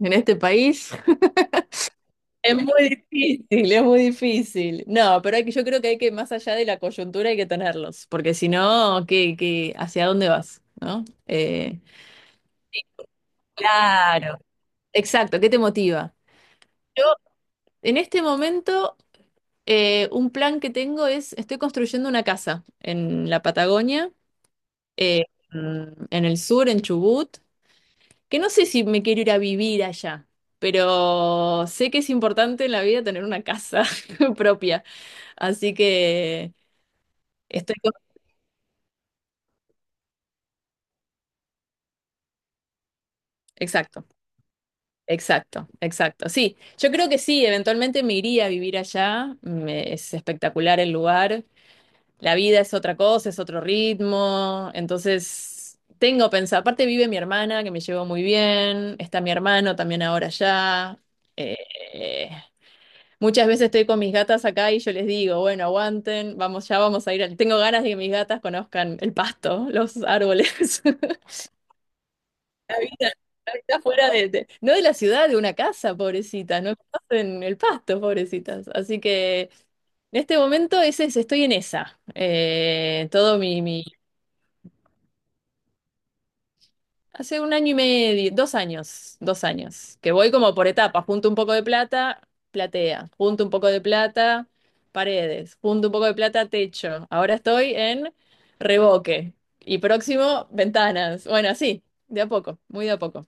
En este país. Es muy difícil, es muy difícil. No, pero hay que, yo creo que hay que, más allá de la coyuntura, hay que tenerlos, porque si no, ¿ hacia dónde vas? ¿No? Claro, exacto, ¿qué te motiva? Yo, en este momento, un plan que tengo estoy construyendo una casa en la Patagonia, eh, en el sur, en Chubut, que no sé si me quiero ir a vivir allá, pero sé que es importante en la vida tener una casa propia. Así que estoy con... Exacto, exacto, exacto. Sí, yo creo que sí, eventualmente me iría a vivir allá. Me- es espectacular el lugar. La vida es otra cosa, es otro ritmo. Entonces, tengo pensado. Aparte vive mi hermana, que me llevo muy bien. Está mi hermano también ahora allá. Eh, muchas veces estoy con mis gatas acá y yo les digo, bueno, aguanten, vamos, ya vamos a ir. Tengo ganas de que mis gatas conozcan el pasto, los árboles. La vida, la vida fuera no de la ciudad, de una casa, pobrecita, no en el pasto, pobrecitas. Así que en este momento ese es- estoy en esa. Hace un año y medio, 2 años, 2 años, que voy como por etapas, junto un poco de plata, platea, junto un poco de plata, paredes, junto un poco de plata, techo. Ahora estoy en revoque y próximo, ventanas. Bueno, sí, de a poco, muy de a poco.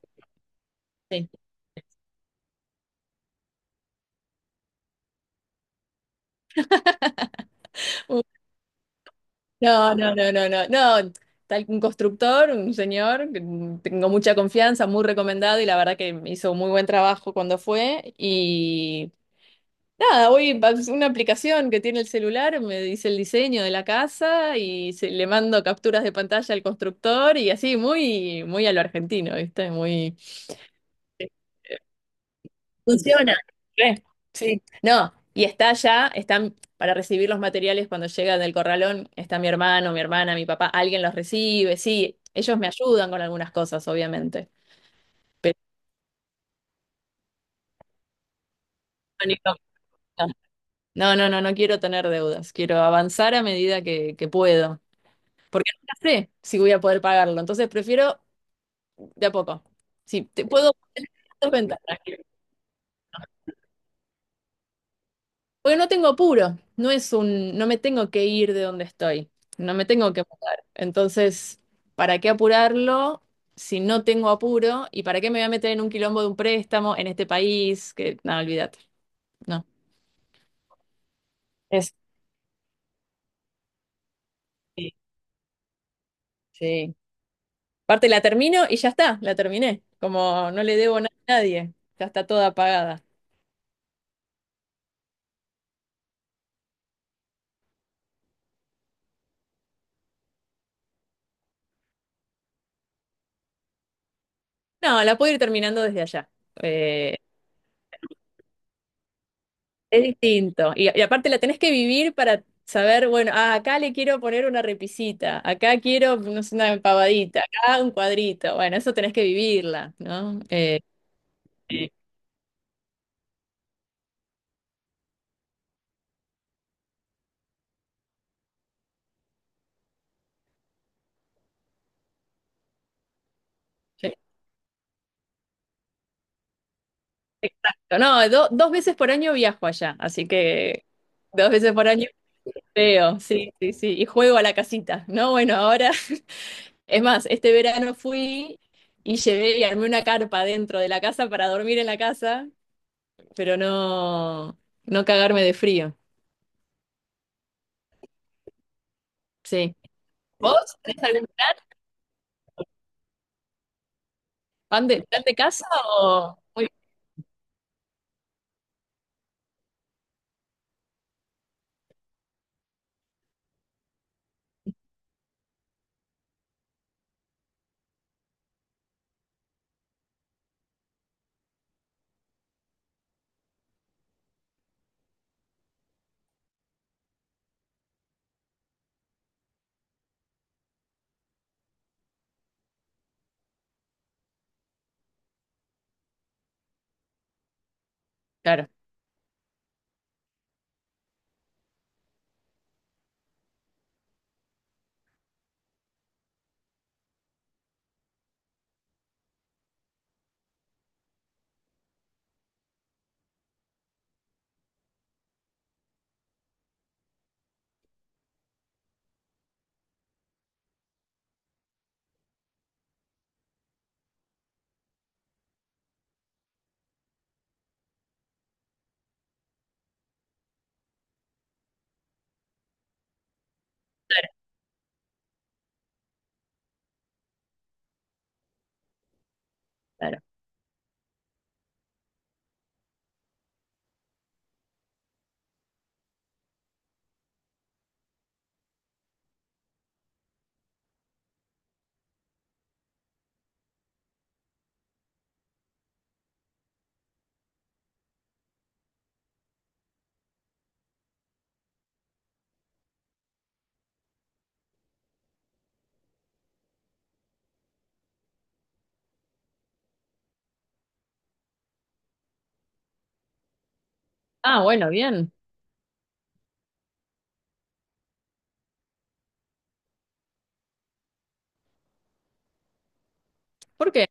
Sí. No, no, no, no, no, no. Tal un constructor, un señor, que tengo mucha confianza, muy recomendado y la verdad que me hizo muy buen trabajo cuando fue. Y nada, hoy es una aplicación que tiene el celular, me dice el diseño de la casa y le mando capturas de pantalla al constructor y así, muy, muy a lo argentino, ¿viste? Muy. Funciona. Re, sí. No, y está ya, están para recibir los materiales cuando llegan del corralón, está mi hermano, mi hermana, mi papá, alguien los recibe, sí, ellos me ayudan con algunas cosas, obviamente. Pero no, no, no no quiero tener deudas, quiero avanzar a medida que puedo, porque nunca sé si voy a poder pagarlo, entonces prefiero de a poco. Sí, te puedo... dos ventanas. Porque no tengo apuro, no me tengo que ir de donde estoy, no me tengo que mudar. Entonces, ¿para qué apurarlo si no tengo apuro? ¿Y para qué me voy a meter en un quilombo de un préstamo en este país? Que nada, olvídate. No. Es, sí, sí. Aparte la termino y ya está, la terminé. Como no le debo nada a nadie, ya está toda pagada. No, la puedo ir terminando desde allá. Eh, Es distinto. Y aparte la tenés que vivir para saber, bueno, ah, acá le quiero poner una repisita, acá quiero, no sé, una empavadita, acá un cuadrito. Bueno, eso tenés que vivirla, ¿no? Eh, exacto. No, dos veces por año viajo allá, así que dos veces por año veo, sí, sí, sí. Y juego a la casita, ¿no? Bueno, ahora, es más, este verano fui y llevé y armé una carpa dentro de la casa para dormir en la casa, pero no, no cagarme de frío. Sí. ¿Vos tenés algún plan? Plan de casa o...? Muy claro, claro. Ah, bueno, bien. ¿Por qué?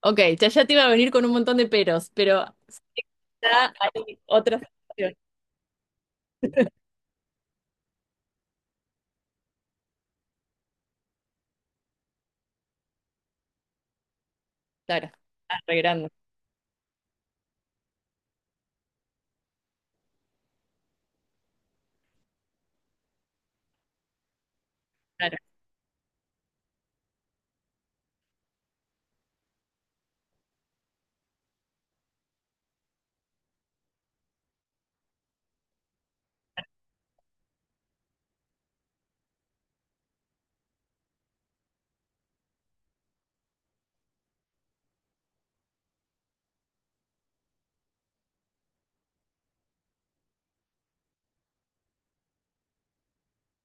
Ok, ya te iba a venir con un montón de peros, pero sí, ya hay otras opciones. Claro, arreglando claro.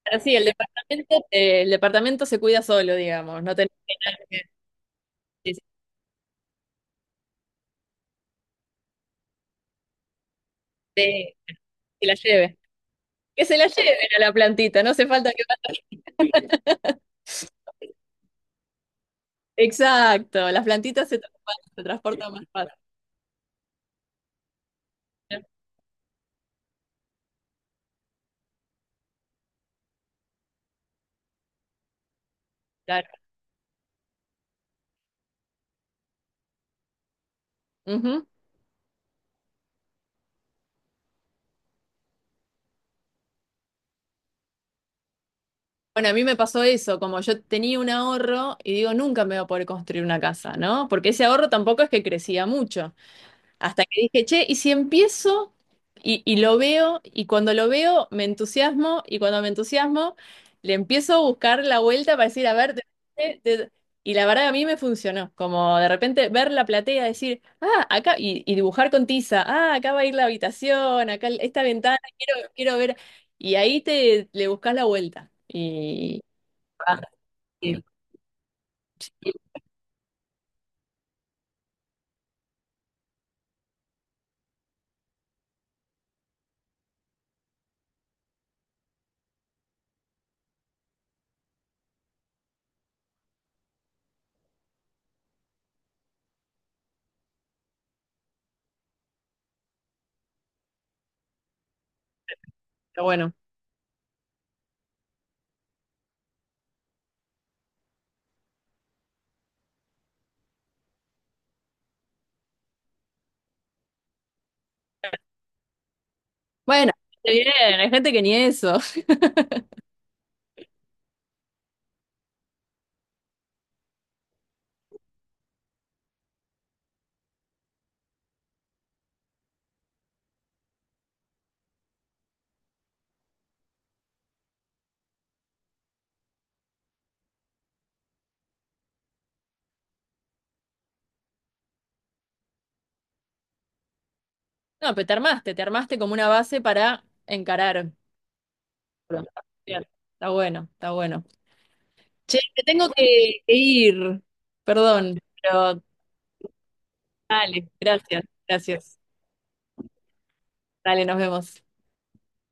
Ahora sí, el departamento se cuida solo, digamos, no tenés que nadie que, se que se la lleve. Que se la lleven a la plantita, no hace falta que... Exacto, las plantitas se transportan más fácil. ¿No? Claro. Ujú. Bueno, a mí me pasó eso, como yo tenía un ahorro y digo, nunca me voy a poder construir una casa, ¿no? Porque ese ahorro tampoco es que crecía mucho. Hasta que dije, che, ¿y si empiezo y lo veo? Y cuando lo veo, me entusiasmo y cuando me entusiasmo, le empiezo a buscar la vuelta para decir, a ver, de- de- y la verdad a mí me funcionó, como de repente ver la platea, decir, ah, acá, y dibujar con tiza, ah, acá va a ir la habitación, acá esta ventana, quiero, quiero ver. Y ahí te le buscas la vuelta. Ah, sí, pero bueno, bueno, está bien, hay gente que ni eso. No, pero te armaste como una base para encarar. Bien, está bueno, está bueno. Che, me tengo que ir. Perdón, pero dale, gracias, gracias. Dale, nos vemos.